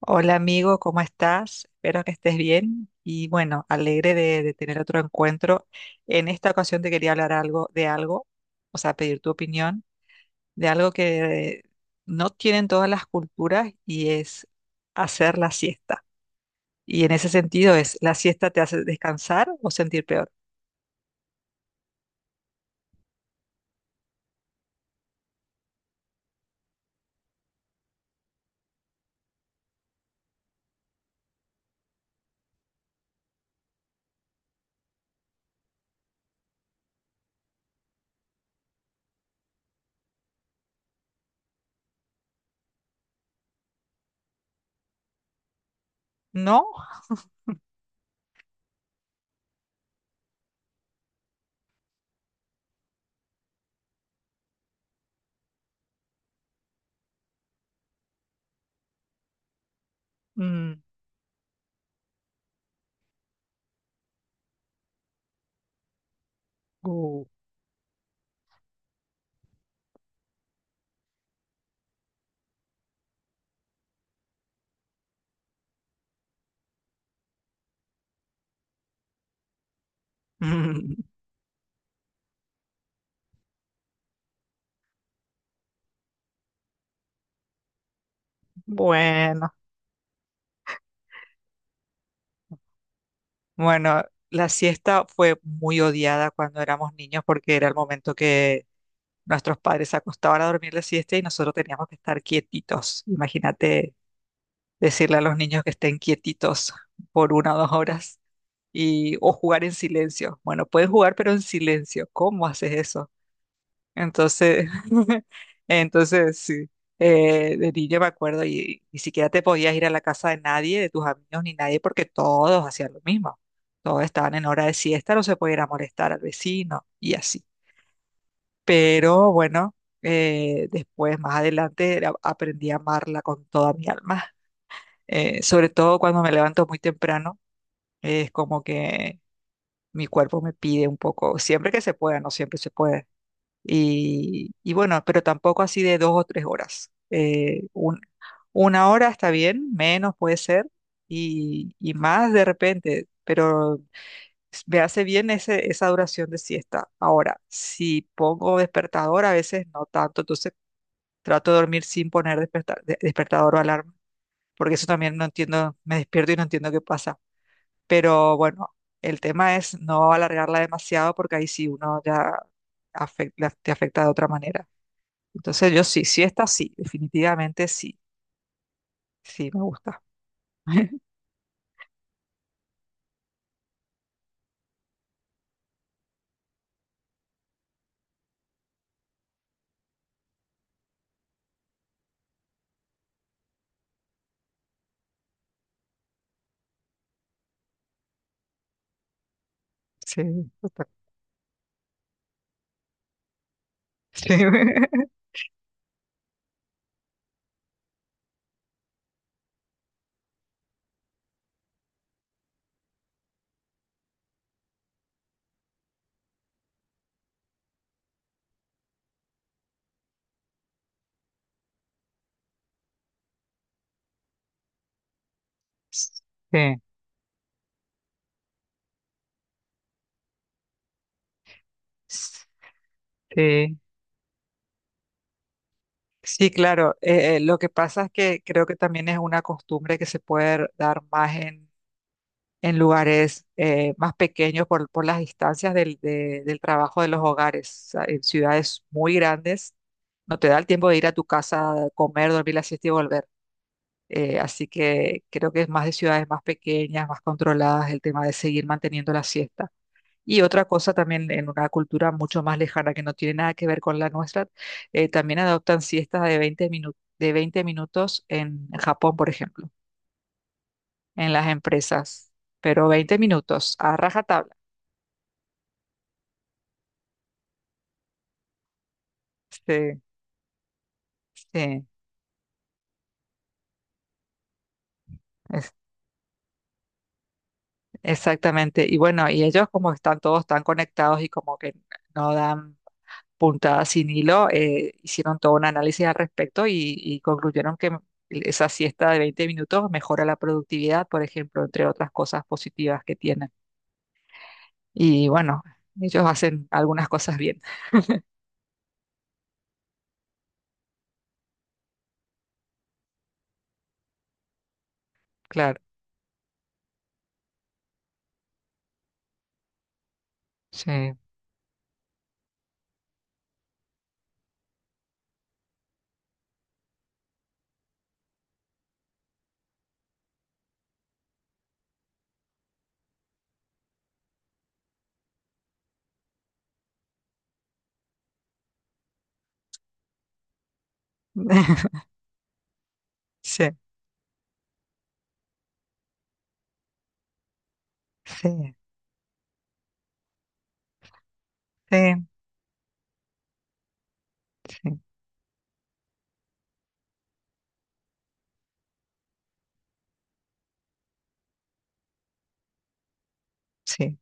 Hola amigo, ¿cómo estás? Espero que estés bien y bueno, alegre de tener otro encuentro. En esta ocasión te quería hablar algo de algo, o sea, pedir tu opinión de algo que no tienen todas las culturas y es hacer la siesta. Y en ese sentido es, ¿la siesta te hace descansar o sentir peor? ¿No? Mm. uh, mm, bueno, bueno, la siesta fue muy odiada cuando éramos niños porque era el momento. Nuestros padres se acostaban a dormir la siesta y nosotros teníamos que estar quietitos. Imagínate decirle a los niños que estén quietitos por una o 2 horas y, o jugar en silencio. Bueno, pueden jugar, pero en silencio. ¿Cómo haces eso? Entonces, entonces sí, de niño me acuerdo y ni siquiera te podías ir a la casa de nadie, de tus amigos ni nadie, porque todos hacían lo mismo. Todos estaban en hora de siesta, no se podía ir a molestar al vecino y así. Pero bueno, después, más adelante, aprendí a amarla con toda mi alma. Sobre todo cuando me levanto muy temprano, es como que mi cuerpo me pide un poco, siempre que se pueda, no siempre se puede. Y bueno, pero tampoco así de 2 o 3 horas. Una hora está bien, menos puede ser, y más de repente, pero me hace bien ese, esa duración de siesta. Ahora, si pongo despertador, a veces no tanto. Entonces trato de dormir sin poner despertador o alarma, porque eso también no entiendo, me despierto y no entiendo qué pasa. Pero bueno, el tema es no alargarla demasiado porque ahí sí uno ya te afecta de otra manera. Entonces yo sí, siesta sí, definitivamente sí, sí, me gusta. Sí, total. Sí. Sí. Sí. Sí, claro. Lo que pasa es que creo que también es una costumbre que se puede dar más en lugares más pequeños por las distancias del trabajo de los hogares. O sea, en ciudades muy grandes no te da el tiempo de ir a tu casa, comer, dormir la siesta y volver. Así que creo que es más de ciudades más pequeñas, más controladas, el tema de seguir manteniendo la siesta. Y otra cosa también en una cultura mucho más lejana que no tiene nada que ver con la nuestra, también adoptan siestas de 20 minutos, de 20 minutos en Japón, por ejemplo, en las empresas, pero 20 minutos a rajatabla. Sí, sí, es- exactamente. Y bueno, y ellos como están todos tan conectados y como que no dan puntada sin hilo, hicieron todo un análisis al respecto y concluyeron que esa siesta de 20 minutos mejora la productividad, por ejemplo, entre otras cosas positivas que tienen. Y bueno, ellos hacen algunas cosas bien, claro. Sí, sí, sí, sí, sí, sí.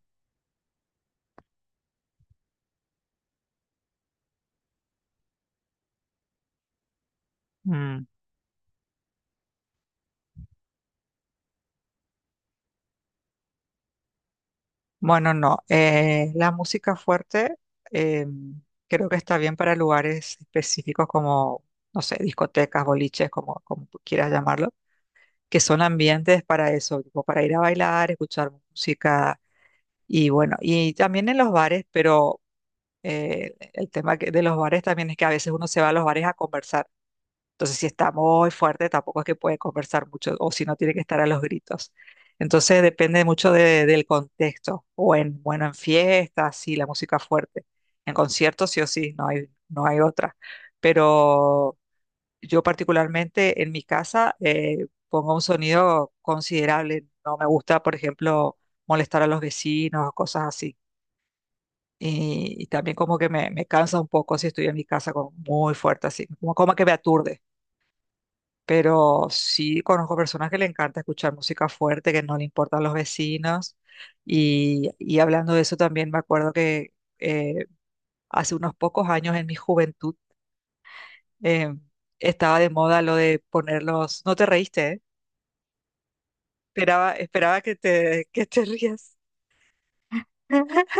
Mm. Bueno, no. La música fuerte, eh, creo que está bien para lugares específicos como, no sé, discotecas, boliches, como tú quieras llamarlo, que son ambientes para eso, tipo para ir a bailar, escuchar música y bueno, y también en los bares, pero el tema de los bares también es que a veces uno se va a los bares a conversar. Entonces, si está muy fuerte, tampoco es que puede conversar mucho o si no tiene que estar a los gritos. Entonces, depende mucho del contexto o en, bueno, en fiestas, sí, la música fuerte. En conciertos, sí o sí, no hay, no hay otra. Pero yo particularmente en mi casa pongo un sonido considerable. No me gusta, por ejemplo, molestar a los vecinos o cosas así. Y también como que me cansa un poco si estoy en mi casa con muy fuerte así, como que me aturde, pero sí conozco personas que le encanta escuchar música fuerte, que no le importan los vecinos. Y hablando de eso también me acuerdo que eh, hace unos pocos años en mi juventud eh, estaba de moda lo de poner los. No te reíste, ¿eh? Esperaba que te rías.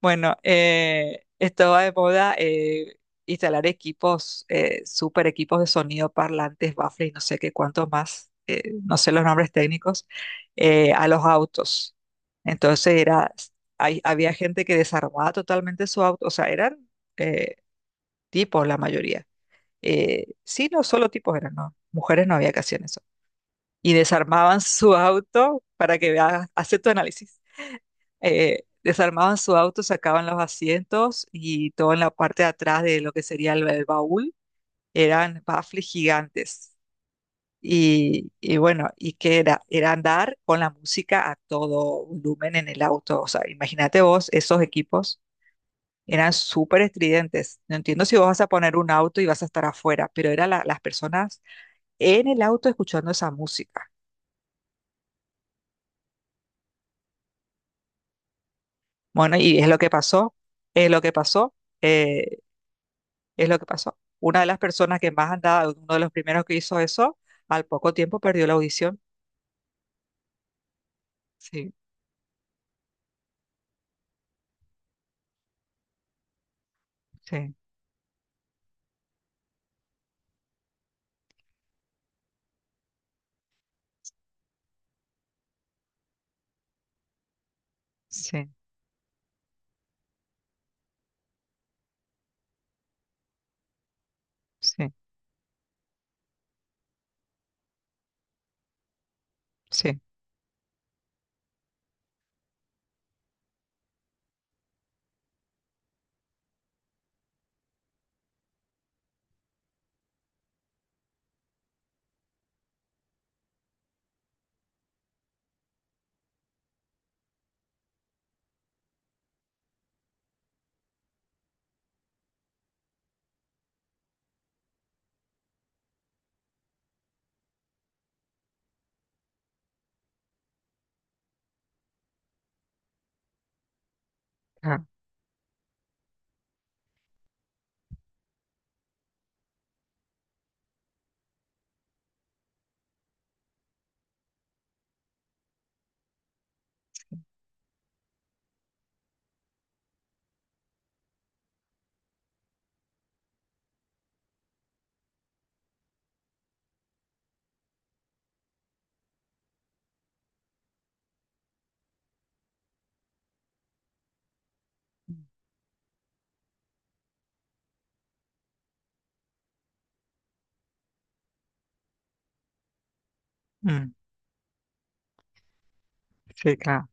Bueno, esto va de moda, instalar equipos, super equipos de sonido, parlantes, baffles y no sé qué cuánto más, no sé los nombres técnicos, a los autos. Entonces era, había gente que desarmaba totalmente su auto, o sea, eran eh, tipos la mayoría. Sí, no solo tipos eran, no, mujeres no había que hacer eso. Y desarmaban su auto para que veas, hace tu análisis, desarmaban su auto, sacaban los asientos y todo en la parte de atrás de lo que sería el baúl eran baffles gigantes. Y bueno, ¿y qué era? Era andar con la música a todo volumen en el auto. O sea, imagínate vos, esos equipos eran súper estridentes. No entiendo si vos vas a poner un auto y vas a estar afuera, pero eran las personas en el auto escuchando esa música. Bueno, y es lo que pasó, es lo que pasó. Eh, Es lo que pasó. Una de las personas que más andaba, uno de los primeros que hizo eso, al poco tiempo perdió la audición. Sí, sí, sí, sí, sí. Claro. Mm, mm, sí, claro.